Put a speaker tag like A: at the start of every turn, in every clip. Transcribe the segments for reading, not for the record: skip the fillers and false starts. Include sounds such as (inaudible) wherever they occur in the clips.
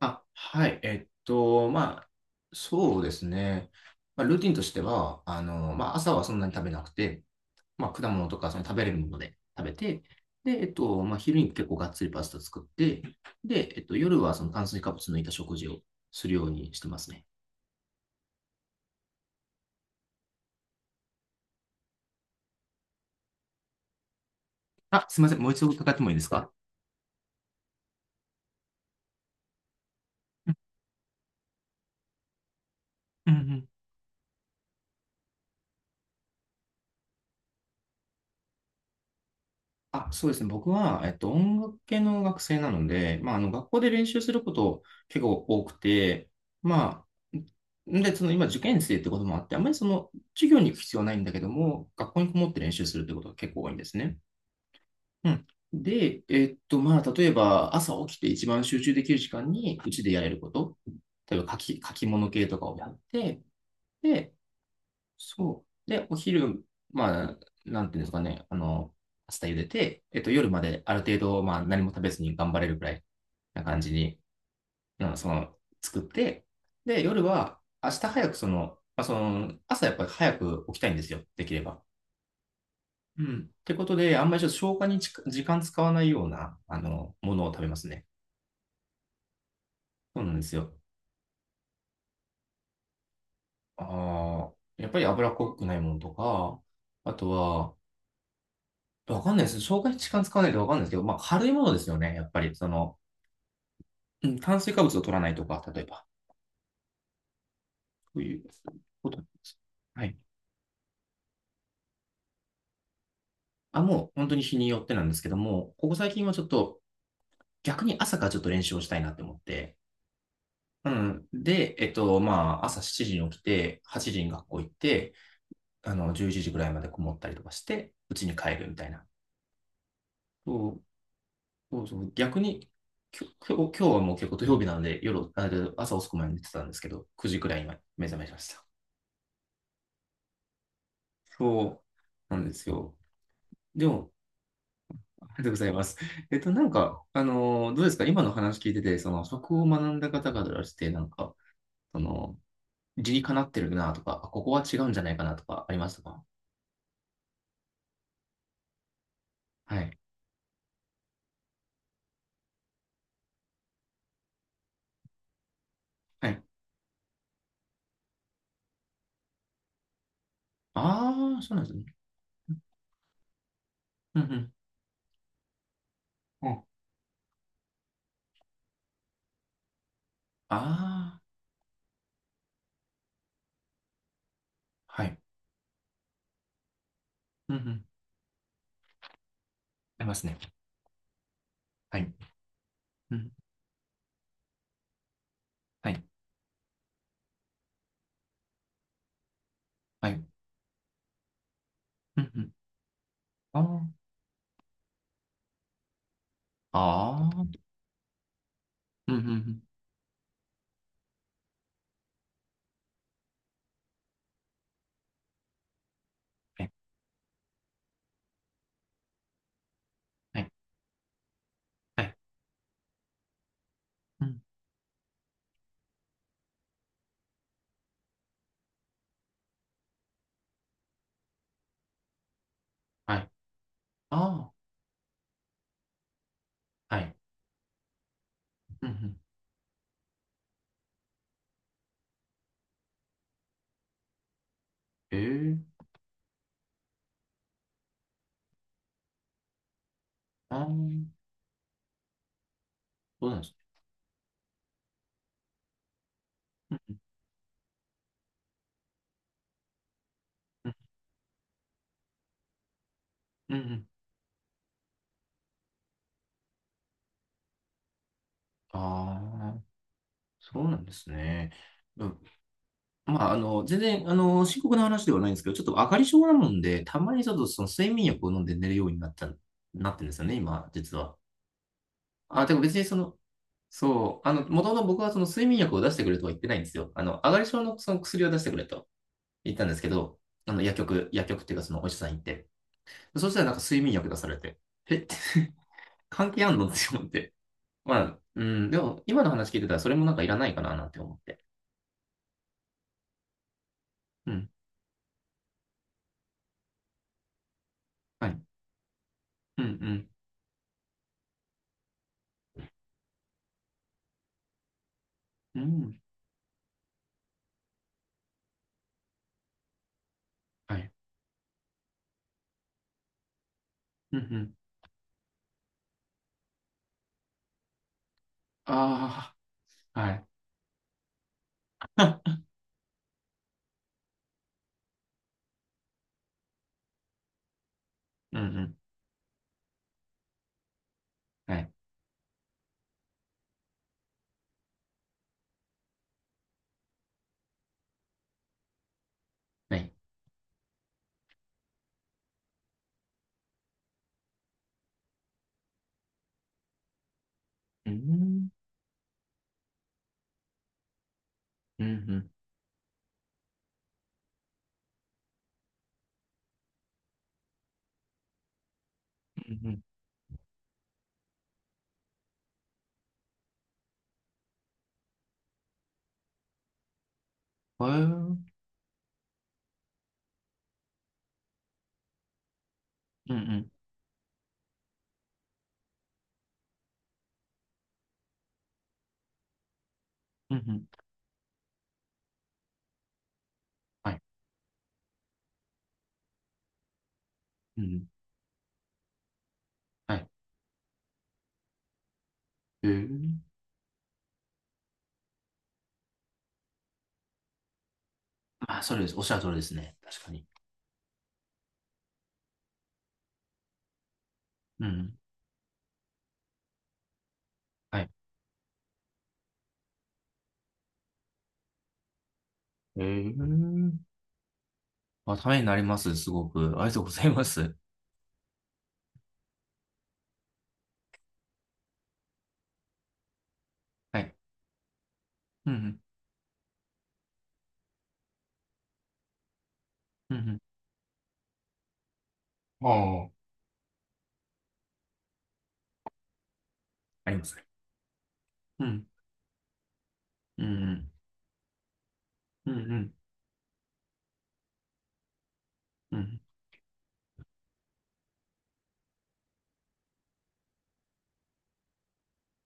A: あ、はい。そうですね。まあ、ルーティンとしては、朝はそんなに食べなくて、まあ、果物とかその食べれるもので食べて、で、昼に結構がっつりパスタ作って、で、えっと、夜はその炭水化物抜いた食事をするようにしてますね。あ、すみません。もう一度伺ってもいいですか？うんうんうん。あ、そうですね。僕は、えっと、音楽系の学生なので、学校で練習すること結構多くて、まあ、んで、その今、受験生ってこともあって、あまりその、授業に行く必要はないんだけども、学校にこもって練習するってことが結構多いんですね。うん。で、えっと、まあ、例えば、朝起きて一番集中できる時間に、うちでやれること、例えば、書き物系とかをやって、で、そう。で、お昼、まあ、なんていうんですかね、あの、パスタ茹でて、えっと、夜まである程度、まあ、何も食べずに頑張れるくらいな感じに、うん、その、作って、で、夜は、明日早くその、まあ、その、朝やっぱり早く起きたいんですよ、できれば。うん。ってことで、あんまりちょっと消化に時間使わないような、あの、ものを食べますね。そうなんですよ。ああ、やっぱり脂っこくないものとか、あとは、わかんないです。消化に時間使わないとわかんないですけど、まあ、軽いものですよね。やっぱり、その、うん、炭水化物を取らないとか、例えば、そういうことなんです。はい。あ、もう本当に日によってなんですけども、ここ最近はちょっと、逆に朝からちょっと練習をしたいなって思って、うん。で、えっと、まあ、朝7時に起きて、8時に学校行って、あの、11時ぐらいまでこもったりとかして、うちに帰るみたいな。そうそうそう。逆に、きょ今日今日はもう結構土曜日なので、朝遅くまで寝てたんですけど、9時くらいに目覚めました。そうなんですよ。でも、ありがとうございます。(laughs) えっと、なんか、あのー、どうですか、今の話聞いてて、その、食を学んだ方々からして、なんか、その、理にかなってるなとか、あ、ここは違うんじゃないかなとか、ありましたか？はい。はい。ああ、そうなんですね。うんうん。うん。ああ、はい。うんうん。ありますね。はい。うん。はい。はい。うんうん。ああ。ああ。うんうんうん。はい。はい。はい。うん。はい。ああ。はい。うんうん。ええ。ああ。そうなんですね。うんうんうんうん。ああ、そうなんですね。うん。まあ、あの、全然、あの、深刻な話ではないんですけど、ちょっと上がり症なもんで、たまにちょっとその睡眠薬を飲んで寝るようになってるんですよね、今、実は。あ、でも別にその、そう、あの、もともと僕はその睡眠薬を出してくれとは言ってないんですよ。あの、上がり症のその薬を出してくれと言ったんですけど、あの、薬局っていうかそのお医者さん行って。そしたらなんか睡眠薬出されて、えって (laughs) 関係あんのって思って、まあ、うん、でも、今の話聞いてたら、それもなんかいらないかな、なんて思って。うん。はい。うん、うん。うん。はい。うん、うん。ああ、はい。うん、うん。はい。はい。うん。うん、うん。うん、うん。へえ。うん、うん。うん、うん。はい。うん。はい。へえ。まあ、それです。おっしゃる通りですね。確かに。うん。はい。へえ。あ、ためになります。すごく。ありがとうございます。はい。うん、うん。うん、うん。ああ、ありますね。うん。うん、うん。うん、うん。うん。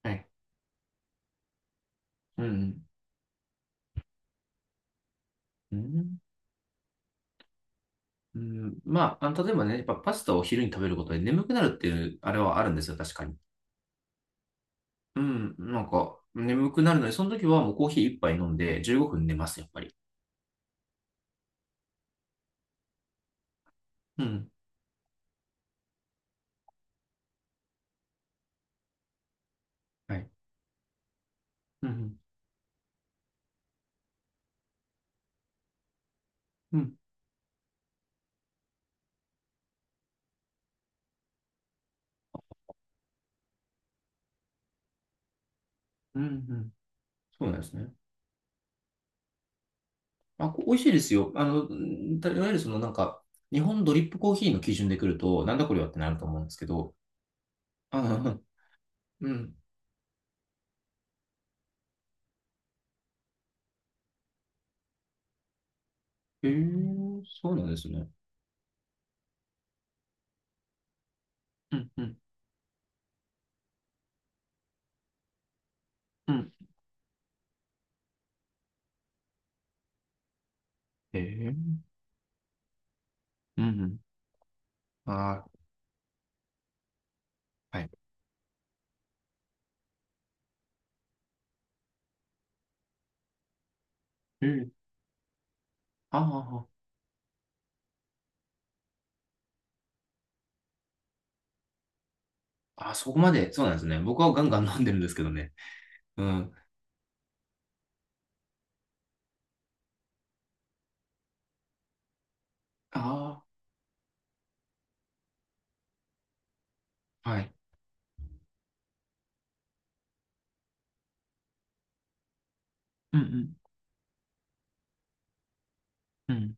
A: はい。うん。うん。うん。まあ、あの、例えばね、やっぱパスタを昼に食べることで眠くなるっていう、あれはあるんですよ、確かに。うん。なんか、眠くなるので、その時はもうコーヒー一杯飲んで15分寝ます、やっぱり。うん。はい。うん。うん。うん。うん。そうなんですね。あ、こ美味しいですよ。あの、うん、わゆるそのなんか、日本ドリップコーヒーの基準で来ると、なんだこれはってなると思うんですけど。あ、うんうん。へえー、そうなんですね。うん。うん。うん。へえー。うん。ああー、はい。えー。ああ、あ、そこまで、そうなんですね。僕はガンガン飲んでるんですけどね。うん。ああ、はい。うんうん。うん。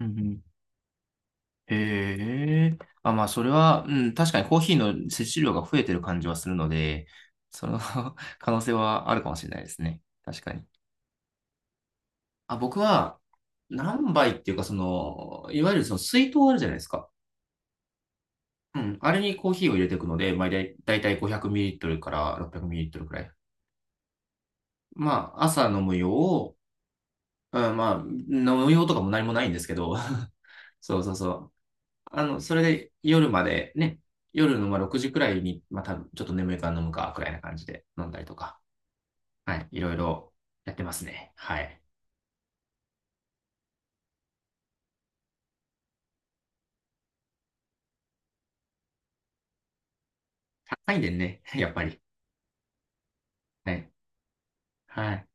A: うんうん。へえ。あ、まあ、それは、うん、確かにコーヒーの摂取量が増えてる感じはするので、その (laughs) 可能性はあるかもしれないですね。確かに。あ、僕は、何杯っていうか、その、いわゆるその水筒あるじゃないですか。うん。あれにコーヒーを入れていくので、まあ、だいたい 500ml から 600ml ミリリットルくらい。まあ、朝飲む用、うん、まあ、飲用とかも何もないんですけど、(laughs) そうそうそう。あの、それで夜までね、夜のまあ6時くらいに、まあ多分ちょっと眠いから飲むか、くらいな感じで飲んだりとか、はい、いろいろやってますね。はい。高いねんで、ね、やっぱり。はい。はい。